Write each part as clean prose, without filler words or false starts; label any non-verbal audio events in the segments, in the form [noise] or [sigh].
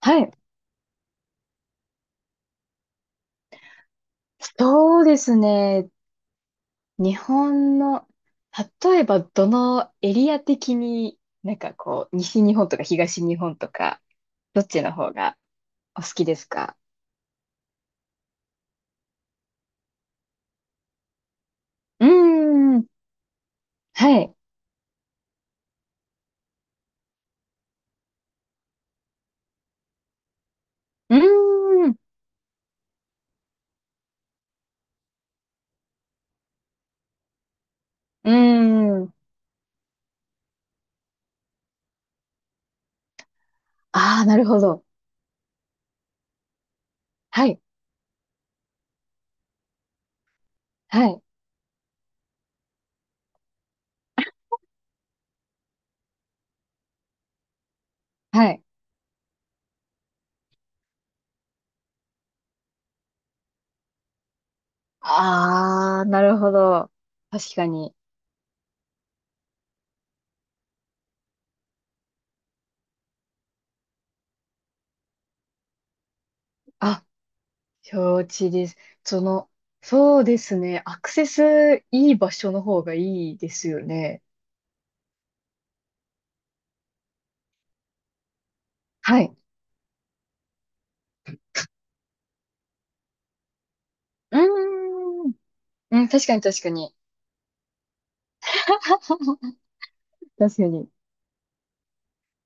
はい。そうですね。日本の、例えばどのエリア的にこう、西日本とか東日本とか、どっちの方がお好きですか？うーん。はい。うーん。うーん。ああ、なるほど。はい。はい。はい。ああ、なるほど。確かに。あ、承知です。その、そうですね。アクセスいい場所の方がいいですよね。はい。うーん。うん、確かに、確かに。[laughs] 確かに。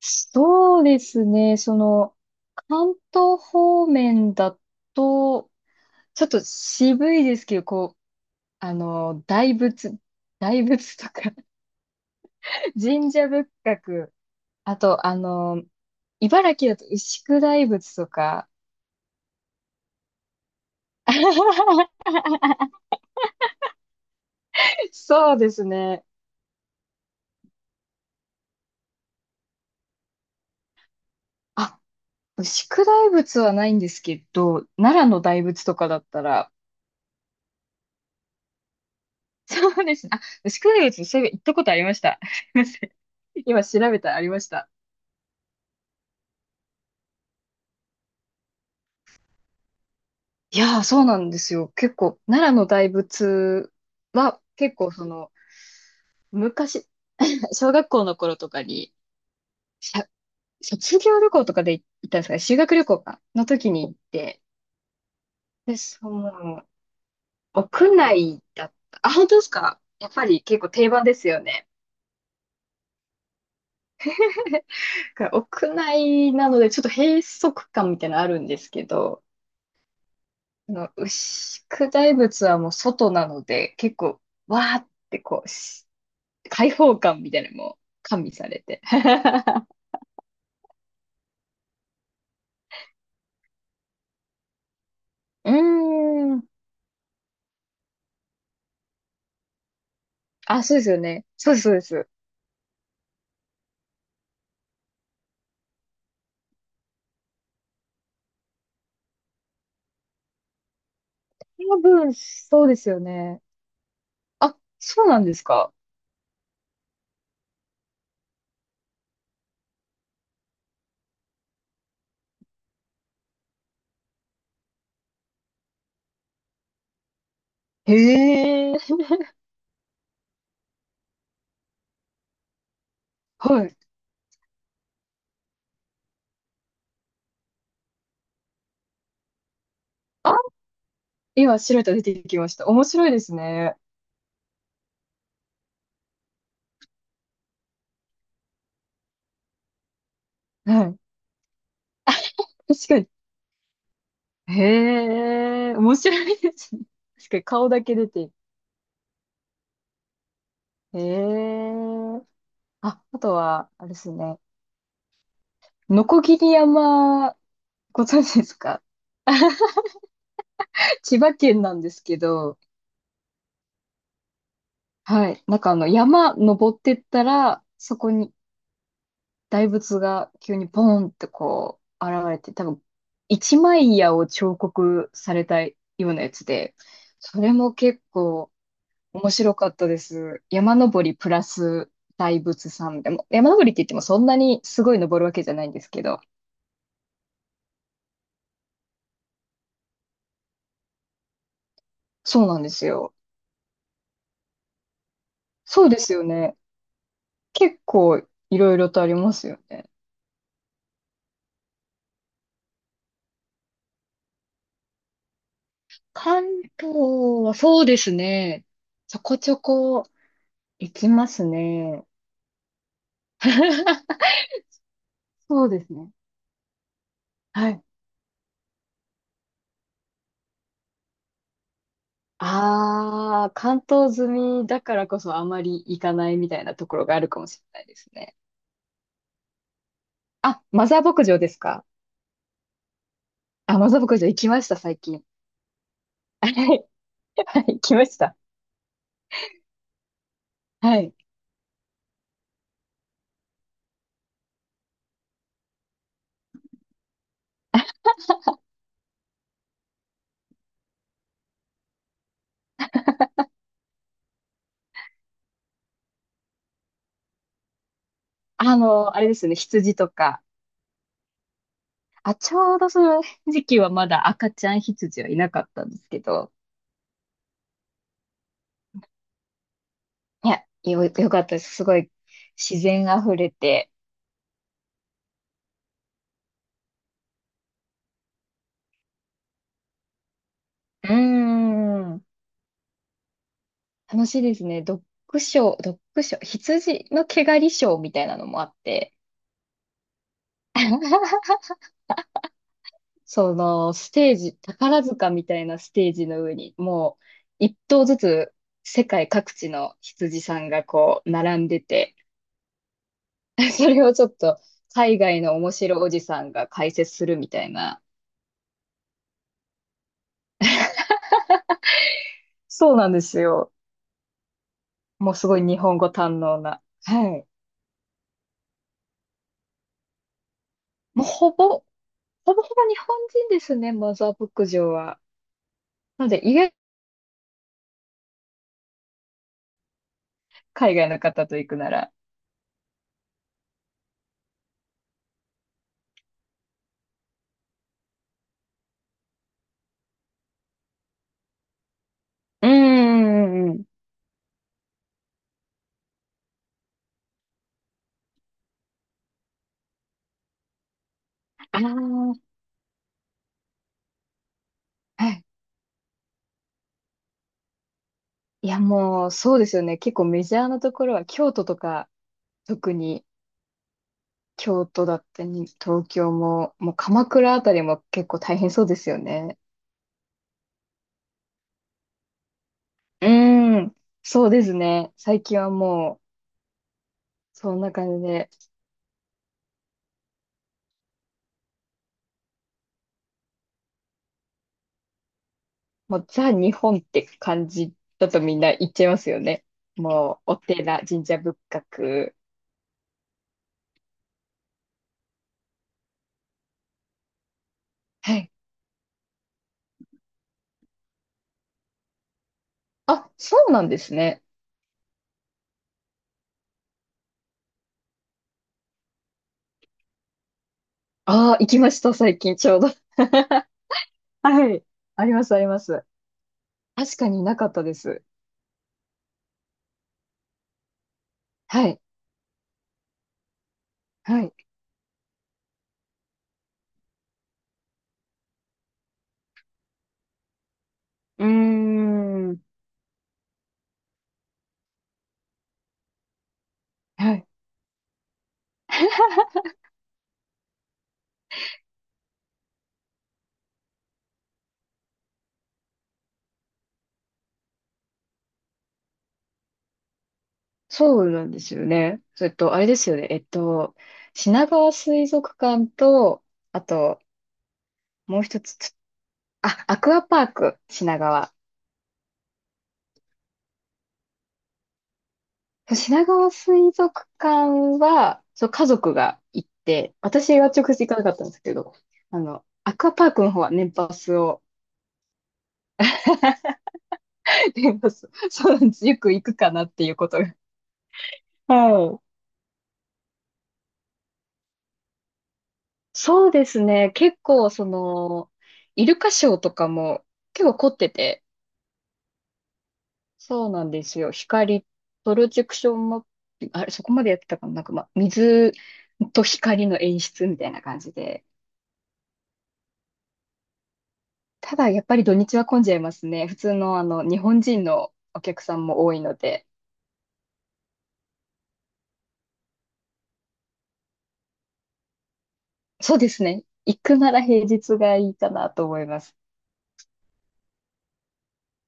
そうですね。関東方面だと、ちょっと渋いですけど、こう、あの、大仏、大仏とか、 [laughs] 神社仏閣、あと、茨城だと牛久大仏とか。[laughs] そうですね。あ、牛久大仏はないんですけど、奈良の大仏とかだったら。[laughs] そうですね。あ、牛久大仏、そういえば行ったことありました。[laughs] すいません。今調べたらありました。いやー、そうなんですよ。結構、奈良の大仏は、結構昔、[laughs] 小学校の頃とかに、しゃ卒業旅行とかで行ったんですかね、修学旅行か、の時に行って、で、屋内だった。あ、本当ですか？やっぱり結構定番ですよね。だから屋内なので、ちょっと閉塞感みたいなのあるんですけど、あの、牛久大仏はもう外なので、結構、わーってこう、開放感みたいなのも加味されて。[laughs] うーん。あ、そうですよね。そうです、そうです。多分、そうですよね。あ、そうなんですか。へえ。はい。あ、今、白いと出てきました。面白いですね。はい。確かに。へえ、面白いですね。確かに顔だけ出て。へえ。あ、あとは、あれですね。のこぎり山、ご存知ですか？ [laughs] 千葉県なんですけど、はい。なんかあの、山登ってったら、そこに大仏が急にポーンってこう、現れて、多分、一枚岩を彫刻されたようなやつで、それも結構面白かったです。山登りプラス大仏さん。でも、山登りって言ってもそんなにすごい登るわけじゃないんですけど、そうなんですよ。そうですよね。結構いろいろとありますよね。関東はそうですね。ちょこちょこ行きますね。[laughs] そうですね。はい。ああ、関東済みだからこそあまり行かないみたいなところがあるかもしれないですね。あ、マザー牧場ですか？あ、マザー牧場行きました、最近。はい。はい、行きました。はい。あの、あれですね、羊とか。あ、ちょうどその時期はまだ赤ちゃん羊はいなかったんですけど。いや、よかったです。すごい自然あふれて。うーん。楽しいですね。ドッグショー、羊の毛刈りショーみたいなのもあって、[laughs] そのステージ、宝塚みたいなステージの上に、もう一頭ずつ世界各地の羊さんがこう並んでて、[laughs] それをちょっと海外の面白おじさんが解説するみたいな。そうなんですよ。もうすごい日本語堪能な。はい。もうほぼ、ほぼほぼ日本人ですね、マザー牧場は。なので意外、海外の方と行くなら。うん、うん、うん。ああ、はい。いや、もう、そうですよね。結構メジャーなところは、京都とか、特に京都だったり、東京も、もう鎌倉あたりも結構大変そうですよね。うん。そうですね。最近はもう、そんな感じで、もう、ザ・日本って感じだとみんな言っちゃいますよね。もう、お寺、神社仏閣。はい。あ、そうなんですね。ああ、行きました、最近ちょうど。[laughs] はい。あります、あります。確かになかったです。はい。はい。うーん。はい。そうなんですよね。それと、あれですよね。えっと、品川水族館と、あと、もう一つ、つあ、アクアパーク、品川。品川水族館は、そう、家族が行って、私は直接行かなかったんですけど、あの、アクアパークの方は年パスを、[laughs] 年パス、そうなんです。よく行くかなっていうことが。はい、そうですね。結構、その、イルカショーとかも結構凝ってて、そうなんですよ。光、プロジェクションも、あれ、そこまでやってたかな。なんか、まあ、水と光の演出みたいな感じで。ただ、やっぱり土日は混んじゃいますね。普通の、あの、日本人のお客さんも多いので。そうですね。行くなら平日がいいかなと思います。